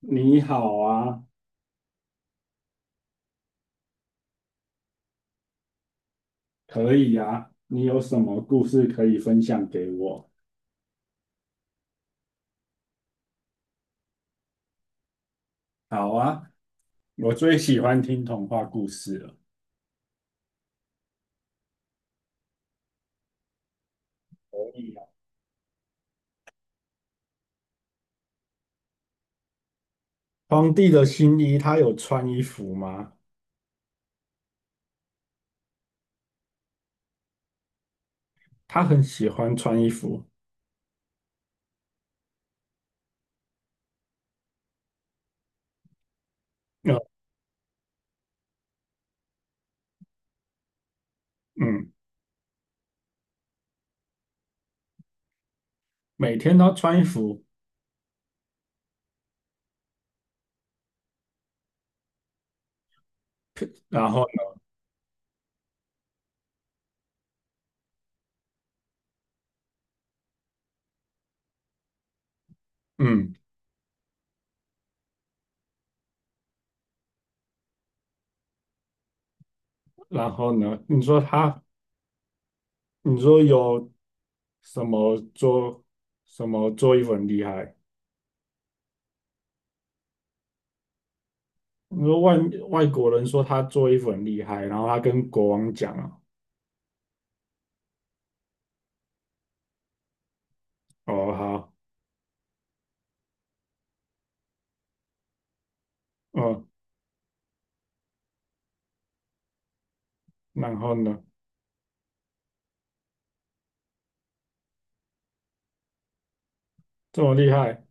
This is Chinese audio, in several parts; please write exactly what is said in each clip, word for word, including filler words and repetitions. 你好啊，可以啊，你有什么故事可以分享给我？好啊，我最喜欢听童话故事了。可以啊。皇帝的新衣，他有穿衣服吗？他很喜欢穿衣服，呃，嗯，每天都穿衣服，然后，嗯，然后呢？你说他，你说有什么做什么做衣服很厉害？你说外外国人说他做衣服很厉害，然后他跟国王讲啊，哦，好。哦，然后呢？这么厉害，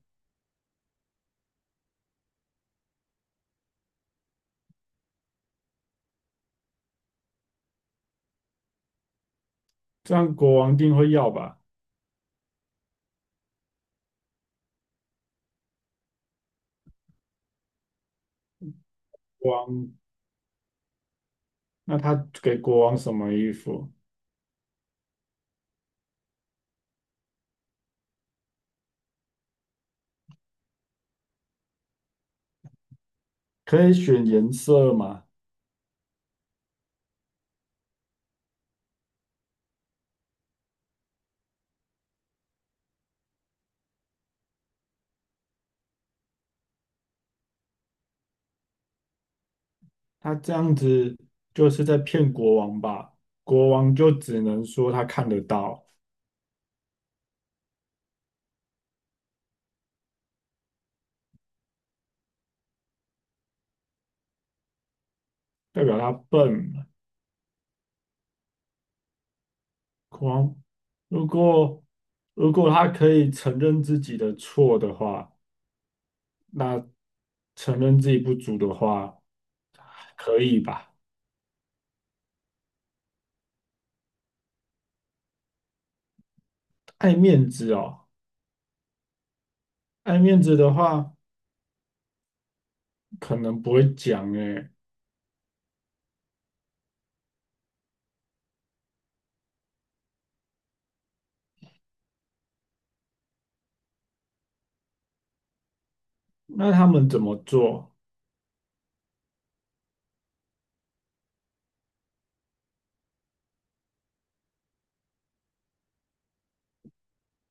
这样国王一定会要吧？国王，那他给国王什么衣服？可以选颜色吗？他这样子就是在骗国王吧？国王就只能说他看得到，代表他笨。国王，如果如果他可以承认自己的错的话，那承认自己不足的话，可以吧？爱面子哦，爱面子的话。可能不会讲诶，那他们怎么做？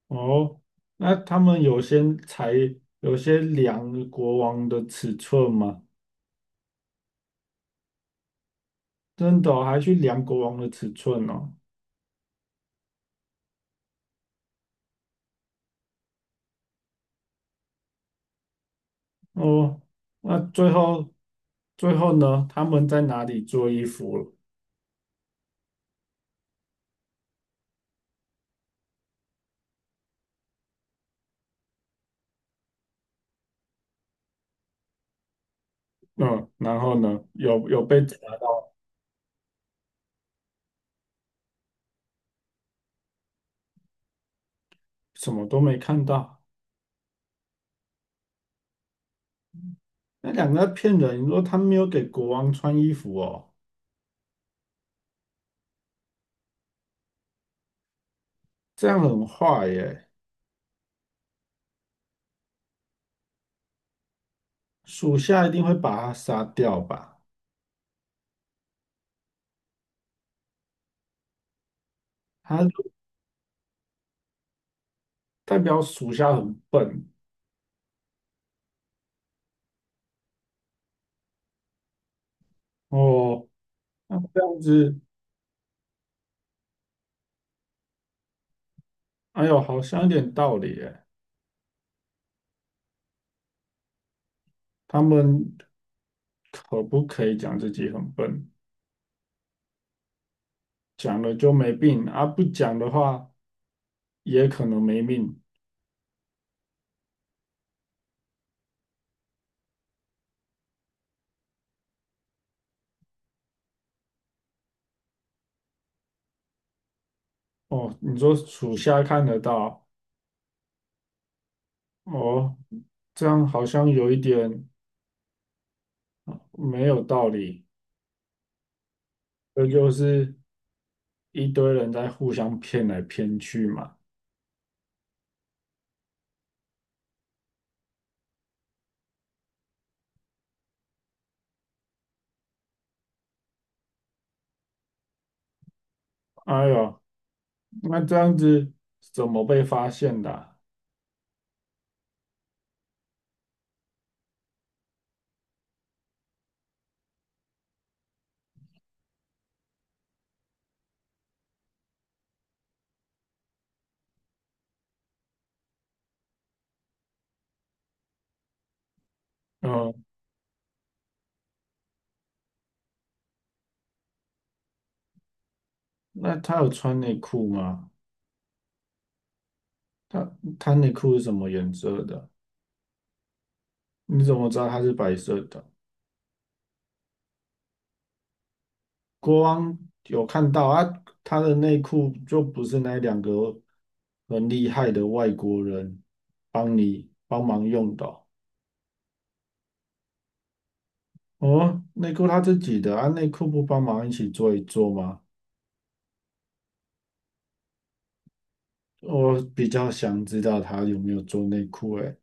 哦，那他们有些才有些量国王的尺寸吗？真的哦还去量国王的尺寸哦？哦，那最后最后呢？他们在哪里做衣服了嗯，然后呢？有有被抓什么都没看到？那两个在骗人，你说他没有给国王穿衣服哦，这样很坏耶，属下一定会把他杀掉吧？他。代表属下很笨哦。那这样子，哎呦，好像有点道理耶。他们可不可以讲自己很笨？讲了就没病啊，不讲的话也可能没命哦。你说属下看得到哦，这样好像有一点没有道理。这就是一堆人在互相骗来骗去嘛。哎呦，那这样子怎么被发现的啊嗯，那他有穿内裤吗？他他内裤是什么颜色的？你怎么知道他是白色的？国王有看到啊，他的内裤就不是那两个很厉害的外国人帮你帮忙用的哦。哦内裤他自己的啊，内裤不帮忙一起做一做吗？我比较想知道他有没有做内裤诶。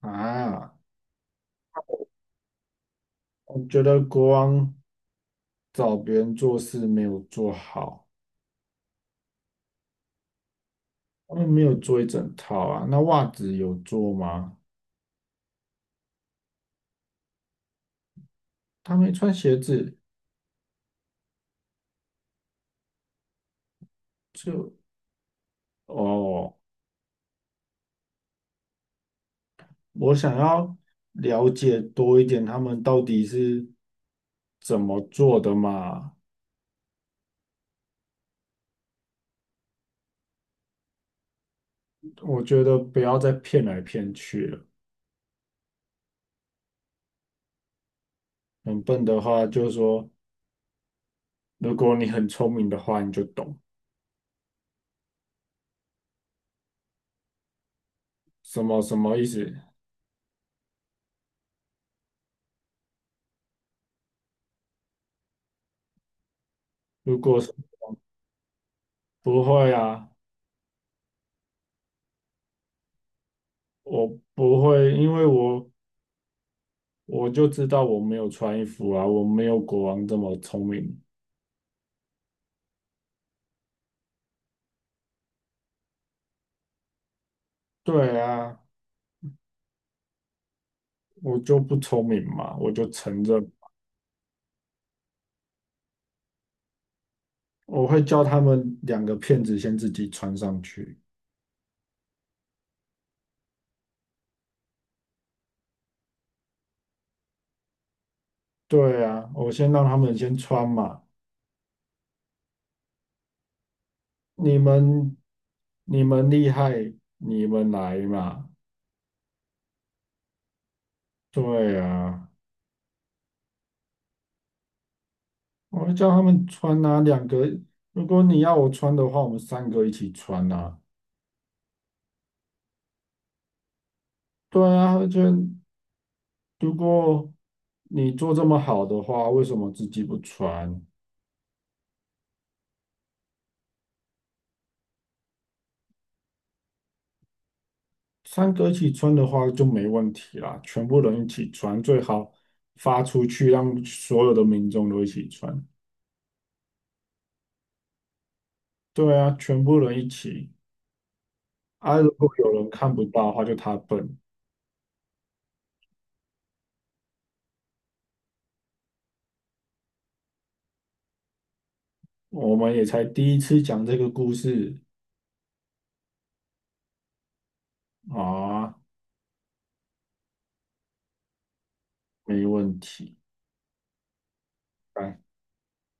啊，我觉得国王找别人做事没有做好，他们没有做一整套啊。那袜子有做吗？他没穿鞋子，就哦，我想要了解多一点他们到底是怎么做的嘛。我觉得不要再骗来骗去了。很笨的话，就是说，如果你很聪明的话，你就懂什么什么意思。如果是不会啊，我不会，因为我我就知道我没有穿衣服啊，我没有国王这么聪明。对啊，我就不聪明嘛，我就承认。我会叫他们两个骗子先自己穿上去。对啊，我先让他们先穿嘛。你们，你们厉害，你们来嘛。对啊，我会叫他们穿啊，两个。如果你要我穿的话，我们三个一起穿啊。对啊，而且如果你做这么好的话，为什么自己不穿？三个一起穿的话就没问题啦，全部人一起穿，最好发出去让所有的民众都一起穿。对啊，全部人一起。啊，如果有人看不到的话，就他笨。我们也才第一次讲这个故事啊，没问题。拜